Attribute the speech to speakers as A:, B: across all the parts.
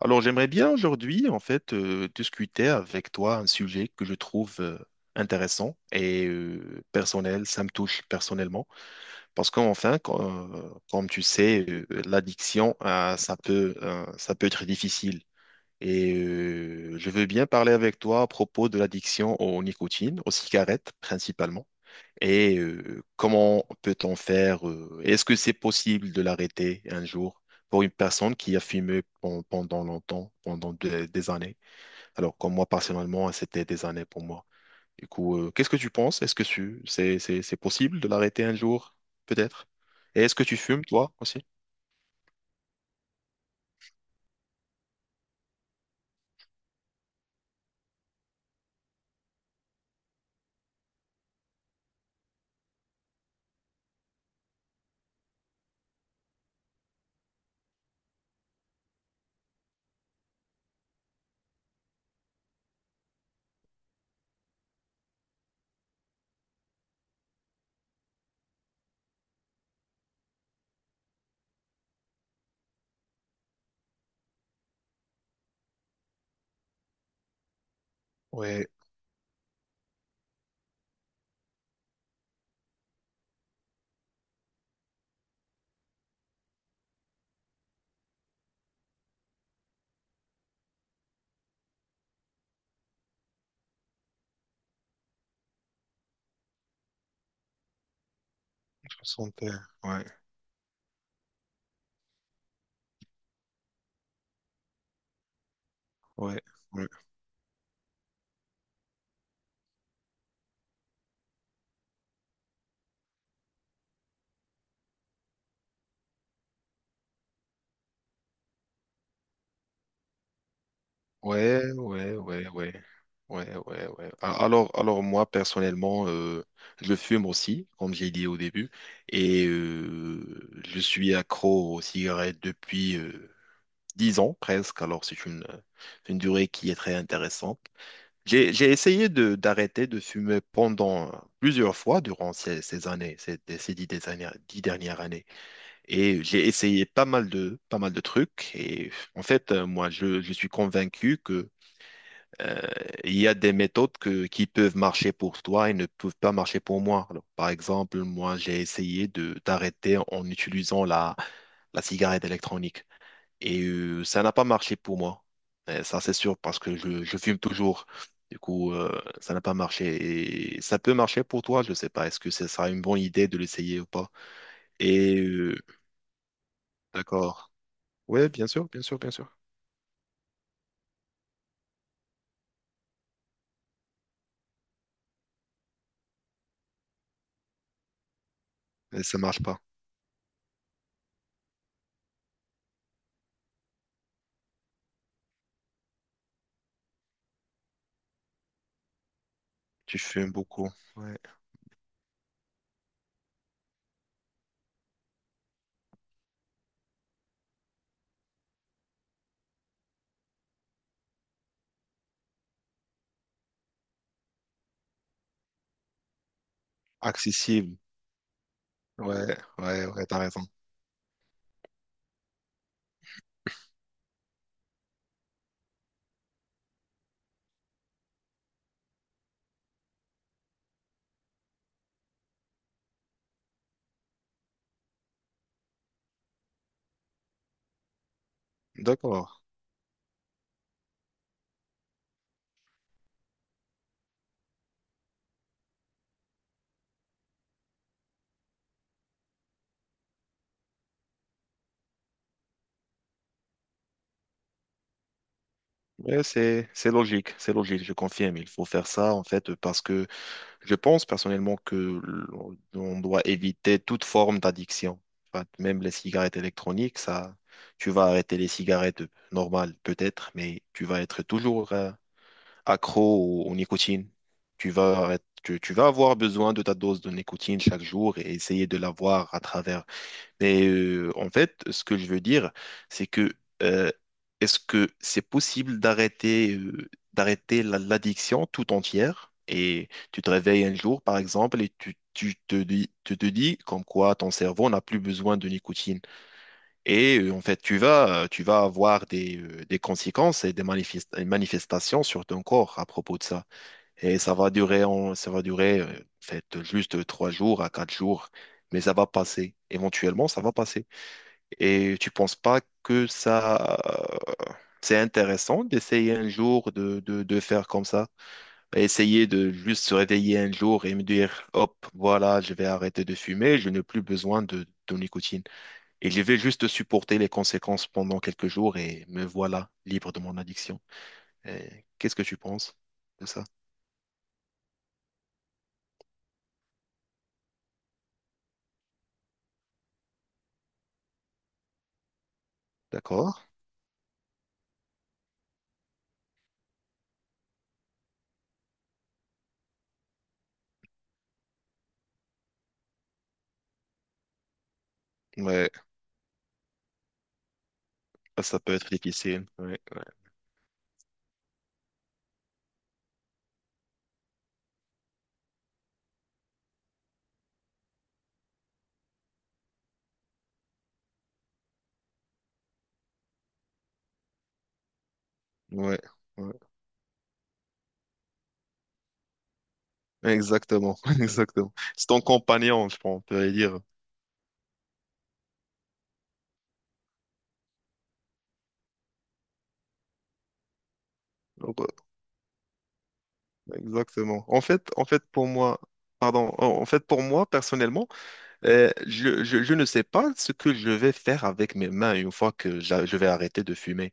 A: Alors, j'aimerais bien aujourd'hui, discuter avec toi un sujet que je trouve intéressant et personnel, ça me touche personnellement, parce qu'enfin, quand- comme tu sais, l'addiction, ça peut être difficile. Je veux bien parler avec toi à propos de l'addiction aux nicotine, aux cigarettes principalement. Comment peut-on faire? Est-ce que c'est possible de l'arrêter un jour pour une personne qui a fumé pendant longtemps, pendant des années? Alors comme moi, personnellement, c'était des années pour moi. Du coup, qu'est-ce que tu penses? C'est possible de l'arrêter un jour, peut-être? Et est-ce que tu fumes, toi aussi? Ouais, je sentais. Ouais, ouais, ouais. Ouais, ouais, ouais, ouais. Ouais, ouais, ouais. Alors moi, personnellement, je fume aussi, comme j'ai dit au début, et je suis accro aux cigarettes depuis 10 ans presque, alors c'est une durée qui est très intéressante. J'ai essayé d'arrêter de fumer pendant plusieurs fois durant ces années, ces, ces dix, des années- dix dernières années. Et j'ai essayé pas mal de trucs. Et en fait, moi, je suis convaincu euh, il y a des méthodes qui peuvent marcher pour toi et ne peuvent pas marcher pour moi. Alors, par exemple, moi, j'ai essayé de d'arrêter en utilisant la cigarette électronique et ça n'a pas marché pour moi. Et ça, c'est sûr parce que je fume toujours. Du coup, ça n'a pas marché. Et ça peut marcher pour toi, je ne sais pas. Est-ce que ce sera une bonne idée de l'essayer ou pas? Et euh, d'accord. Oui, bien sûr, bien sûr, bien sûr. Mais ça marche pas. Tu fumes beaucoup. Ouais. Accessible. Ouais, ouais, ouais, t'as raison. D'accord. Ouais, c'est logique, je confirme. Il faut faire ça en fait parce que je pense personnellement que l'on on doit éviter toute forme d'addiction. En fait, même les cigarettes électroniques, ça, tu vas arrêter les cigarettes normales peut-être, mais tu vas être toujours accro au nicotine. Tu vas avoir besoin de ta dose de nicotine chaque jour et essayer de l'avoir à travers. En fait, ce que je veux dire, c'est que euh, est-ce que c'est possible d'arrêter l'addiction tout entière? Et tu te réveilles un jour, par exemple, et tu te dis comme quoi ton cerveau n'a plus besoin de nicotine. Et en fait, tu vas avoir des conséquences et des manifestations sur ton corps à propos de ça. Et ça va durer, ça va durer en fait, juste 3 jours à 4 jours, mais ça va passer. Éventuellement, ça va passer. Et tu penses pas que ça, c'est intéressant d'essayer un jour de faire comme ça? Essayer de juste se réveiller un jour et me dire, hop, voilà, je vais arrêter de fumer, je n'ai plus besoin de nicotine. Et je vais juste supporter les conséquences pendant quelques jours et me voilà libre de mon addiction. Et qu'est-ce que tu penses de ça? D'accord? Ouais. Ah, ça peut être difficile. Ouais, ouais, ouais, ouais. Exactement, exactement. C'est ton compagnon, je pense, on peut dire. Donc, euh, Exactement. En fait, pour moi, pardon, en fait, pour moi, personnellement, je ne sais pas ce que je vais faire avec mes mains une fois que je vais arrêter de fumer.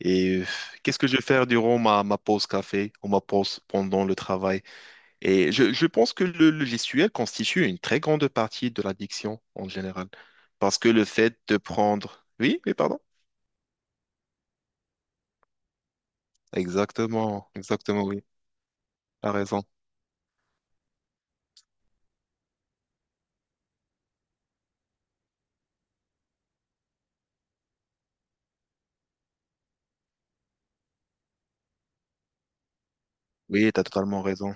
A: Et qu'est-ce que je vais faire durant ma pause café ou ma pause pendant le travail? Et je pense que le logiciel constitue une très grande partie de l'addiction en général. Parce que le fait de prendre... Oui, oui, pardon. Exactement, exactement, oui. T'as raison. Oui, t'as totalement raison.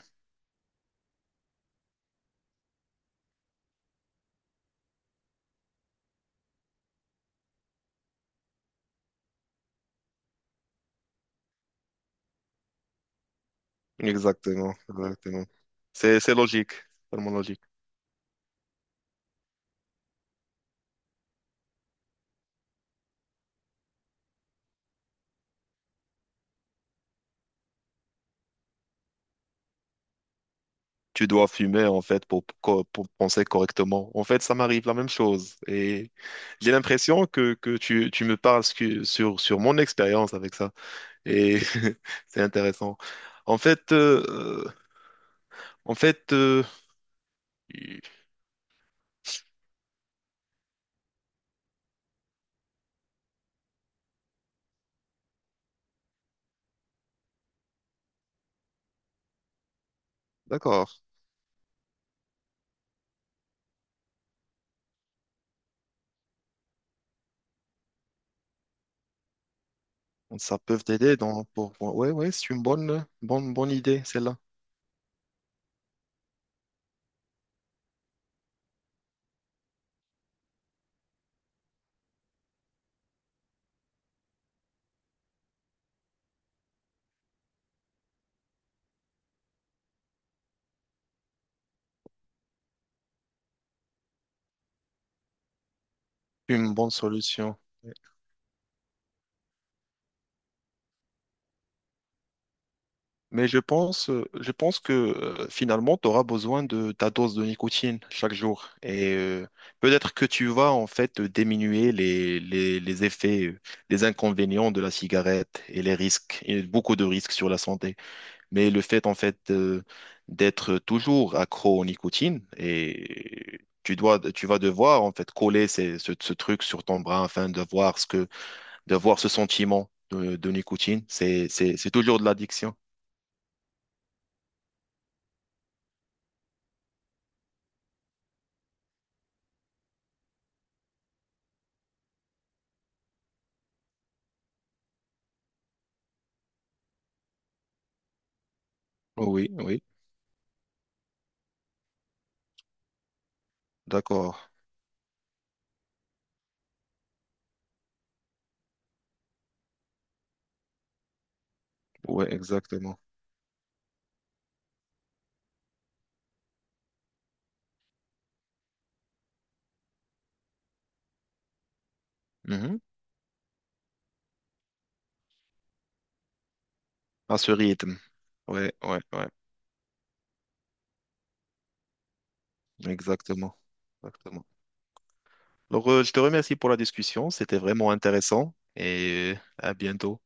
A: Exactement, exactement. C'est logique, totalement logique. Tu dois fumer, en fait, pour, pour penser correctement. En fait, ça m'arrive la même chose. Et j'ai l'impression que tu me parles sur mon expérience avec ça. Et c'est intéressant. En fait, euh, euh, en fait, euh, y- d'accord, ça peut t'aider dans pour. Ouais, ouais, c'est une bonne, bonne, bonne idée, celle-là, une bonne solution. Ouais. Mais je pense que finalement, tu auras besoin de ta dose de nicotine chaque jour. Et peut-être que tu vas en fait diminuer les effets, les inconvénients de la cigarette et les risques, et beaucoup de risques sur la santé. Mais le fait, en fait, d'être toujours accro aux nicotine et tu dois, tu vas devoir, en fait, coller ce truc sur ton bras afin de voir ce que, de voir ce sentiment de nicotine. C'est toujours de l'addiction. Oui, oui, d'accord. Ouais, exactement. Mhm. À ce rythme. Ouais, ouais, ouais. Exactement. Exactement. Alors, je te remercie pour la discussion. C'était vraiment intéressant et à bientôt.